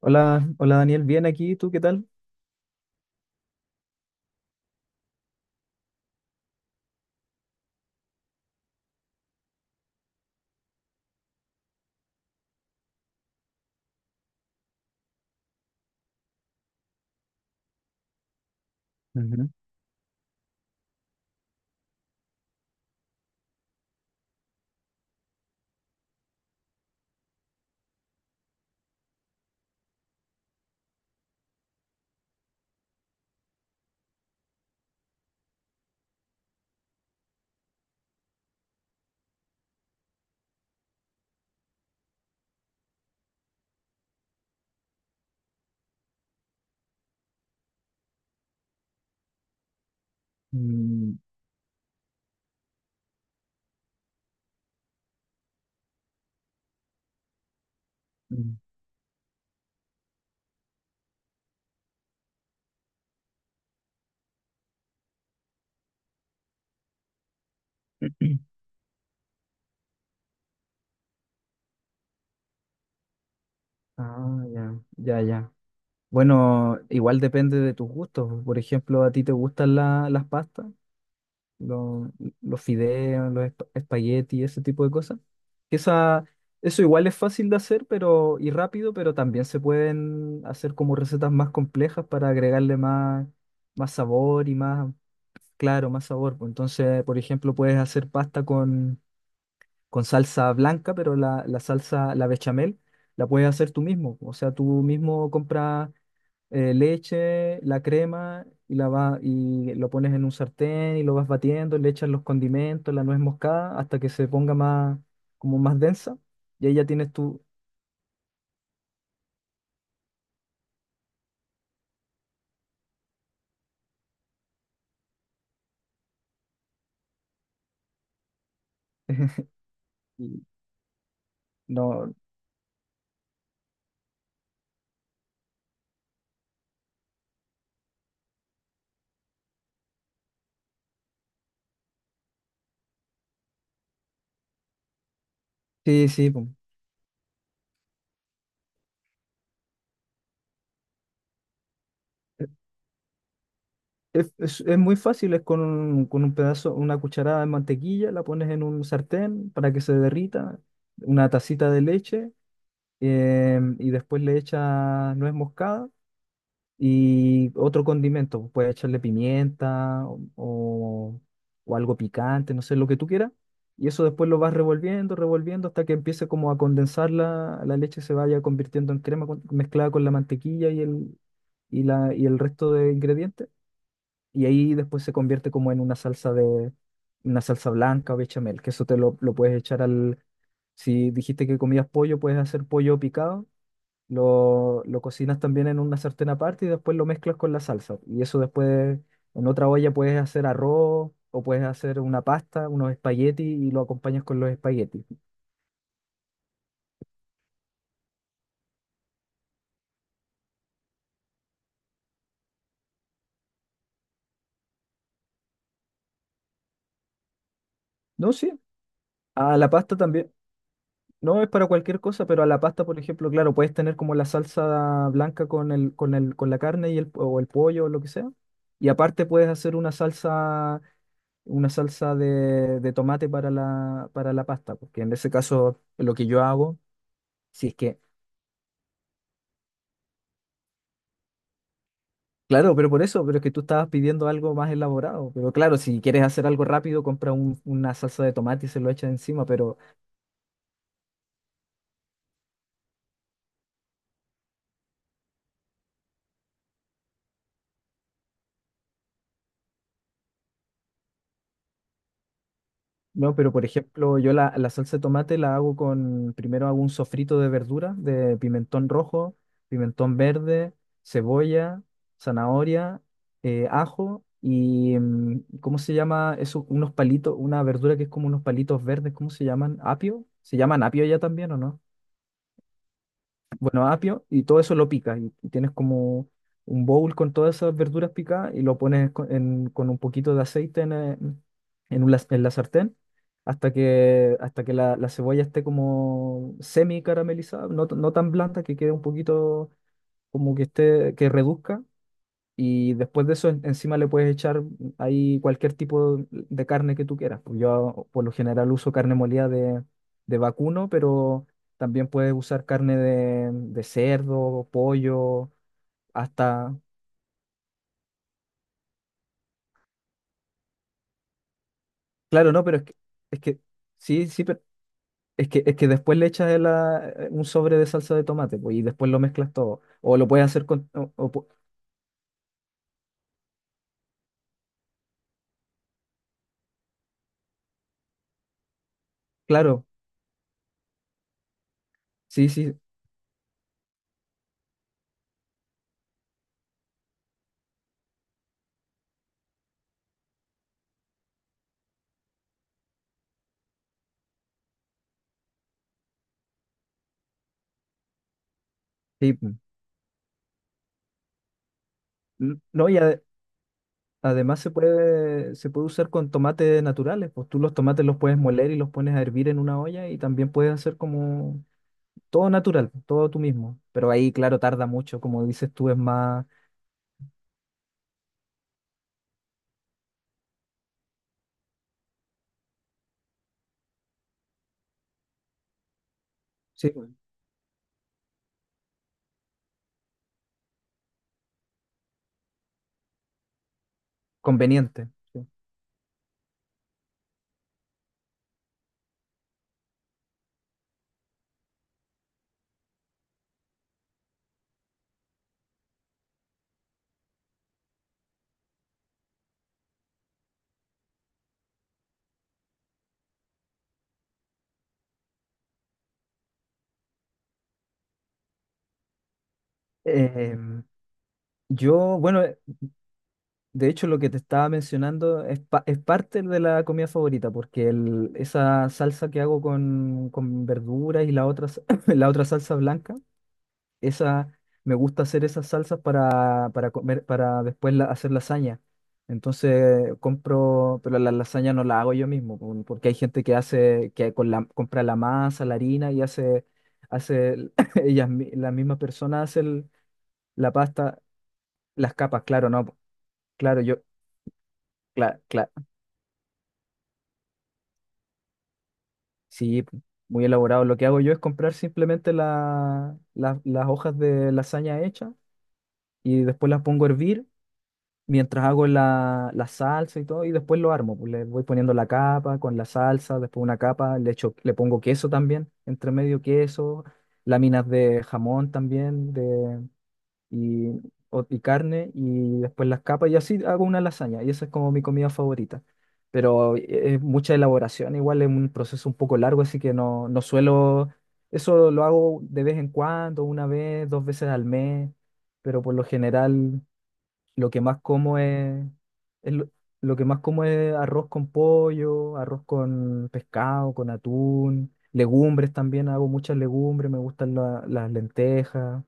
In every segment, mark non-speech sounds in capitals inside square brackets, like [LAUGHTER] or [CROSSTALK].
Hola, hola Daniel, bien aquí, ¿tú qué tal? Ujú. Mm, mm. [CLEARS THROAT] Ah, ya, ya, ya. Bueno, igual depende de tus gustos. Por ejemplo, ¿a ti te gustan las pastas? lo- los fideos, los espaguetis, ese tipo de cosas. Esa, eso igual es fácil de hacer, pero, y rápido, pero también se pueden hacer como recetas más complejas para agregarle más, sabor y más, claro, más sabor, pues. Entonces, por ejemplo, puedes hacer pasta con salsa blanca, pero la salsa, la bechamel, la puedes hacer tú mismo. O sea, tú mismo compras leche, la crema y, y lo pones en un sartén y lo vas batiendo, le echas los condimentos, la nuez moscada hasta que se ponga más, como más densa, y ahí ya tienes tu... [LAUGHS] y No, sí, sí, po. Es muy fácil, es con un pedazo, una cucharada de mantequilla, la pones en un sartén para que se derrita, una tacita de leche, y después le echas nuez moscada y otro condimento. Puedes echarle pimienta o algo picante, no sé, lo que tú quieras. Y eso después lo vas revolviendo, revolviendo hasta que empiece como a condensar la leche, se vaya convirtiendo en crema, mezclada con la mantequilla y el resto de ingredientes. Y ahí después se convierte como en una salsa blanca o bechamel, que eso te lo puedes echar al... si dijiste que comías pollo, puedes hacer pollo picado, lo cocinas también en una sartén aparte y después lo mezclas con la salsa. Y eso después en otra olla puedes hacer arroz, o puedes hacer una pasta, unos espaguetis, y lo acompañas con los espaguetis. No, sí. A la pasta también. No es para cualquier cosa, pero a la pasta, por ejemplo, claro, puedes tener como la salsa blanca con la carne, o el pollo o lo que sea. Y aparte puedes hacer una salsa, de tomate para para la pasta, porque en ese caso lo que yo hago, si es que... Claro, pero por eso, pero es que tú estabas pidiendo algo más elaborado. Pero claro, si quieres hacer algo rápido, compra una salsa de tomate y se lo echa encima. Pero no, pero por ejemplo, yo la salsa de tomate la hago con, primero hago un sofrito de verdura, de pimentón rojo, pimentón verde, cebolla, zanahoria, ajo y, ¿cómo se llama eso? Unos palitos, una verdura que es como unos palitos verdes, ¿cómo se llaman? ¿Apio? ¿Se llaman apio ya también o no? Bueno, apio. Y todo eso lo picas y tienes como un bowl con todas esas verduras picadas, y lo pones con, con un poquito de aceite en un en la sartén hasta que la cebolla esté como semi caramelizada, no, no tan blanda, que quede un poquito, como que esté, que reduzca. Y después de eso, encima le puedes echar ahí cualquier tipo de carne que tú quieras. Pues yo por lo general uso carne molida de, vacuno, pero también puedes usar carne de, cerdo, pollo... hasta... Claro, no, pero es que, es que sí, sí, pero es que después le echas el, ah, un sobre de salsa de tomate, pues, y después lo mezclas todo. O lo puedes hacer con... Claro, sí, sí, sí. Mm, no, además se puede, usar con tomates naturales. Pues tú los tomates los puedes moler y los pones a hervir en una olla, y también puedes hacer como todo natural, pues, todo tú mismo. Pero ahí, claro, tarda mucho, como dices tú, es más... sí, pues, conveniente. Sí. Em, bueno, de hecho, lo que te estaba mencionando es parte de la comida favorita, porque esa salsa que hago con, verduras, y la otra, [LAUGHS] la otra salsa blanca. Esa, me gusta hacer esas salsas para, comer, para después hacer lasaña. Entonces compro, pero la lasaña no la hago yo mismo, porque hay gente que hace, que compra la masa, la harina y hace, [LAUGHS] la misma persona hace la pasta, las capas, claro, no, po. Claro, claro, claro, sí, po, muy elaborado. Lo que hago yo es comprar simplemente las hojas de lasaña hechas, y después las pongo a hervir mientras hago la salsa y todo, y después lo armo, pues. Le voy poniendo la capa con la salsa, después una capa, le echo, le pongo queso también, entre medio queso, láminas de jamón también, y, y carne. Y después las capas, y así hago una lasaña, y esa es como mi comida favorita. Pero es mucha elaboración, igual es un proceso un poco largo, así que no, no suelo, eso lo hago de vez en cuando, una vez, dos veces al mes. Pero por lo general lo que más como es, lo, que más como es arroz con pollo, arroz con pescado, con atún, legumbres también, hago muchas legumbres, me gustan las lentejas.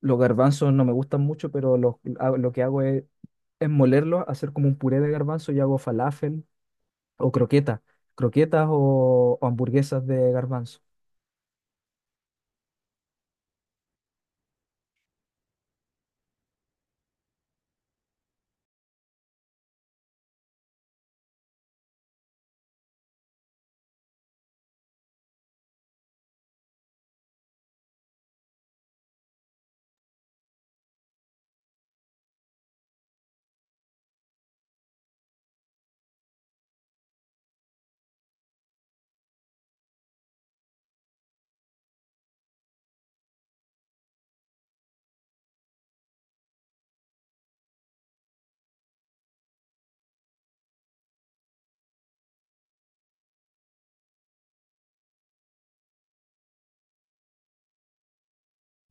Los garbanzos no me gustan mucho, pero lo que hago es molerlos, hacer como un puré de garbanzo y hago falafel o croquetas, croquetas o hamburguesas de garbanzo.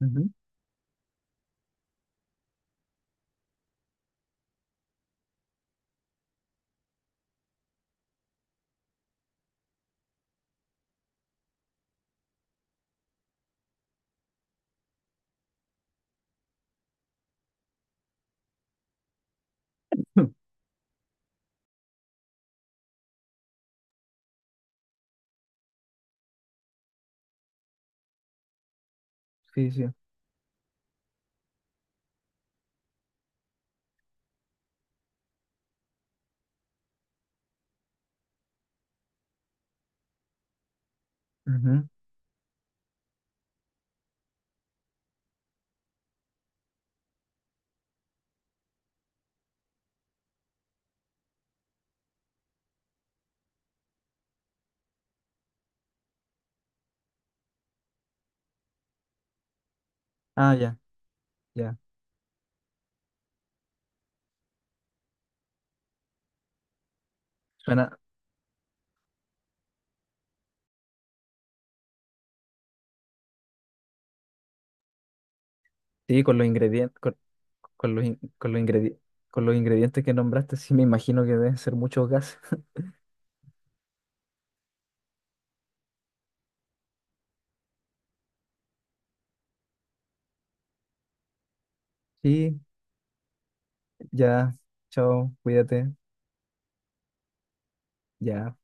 Ujú. [LAUGHS] Sí, sí. Ujú. Ah, ya, ya. Suena... Sí, con los ingredientes, con los ingredientes, con los ingredientes que nombraste, sí me imagino que deben ser muchos gases. [LAUGHS] Sí, ya, chao, cuídate, ya.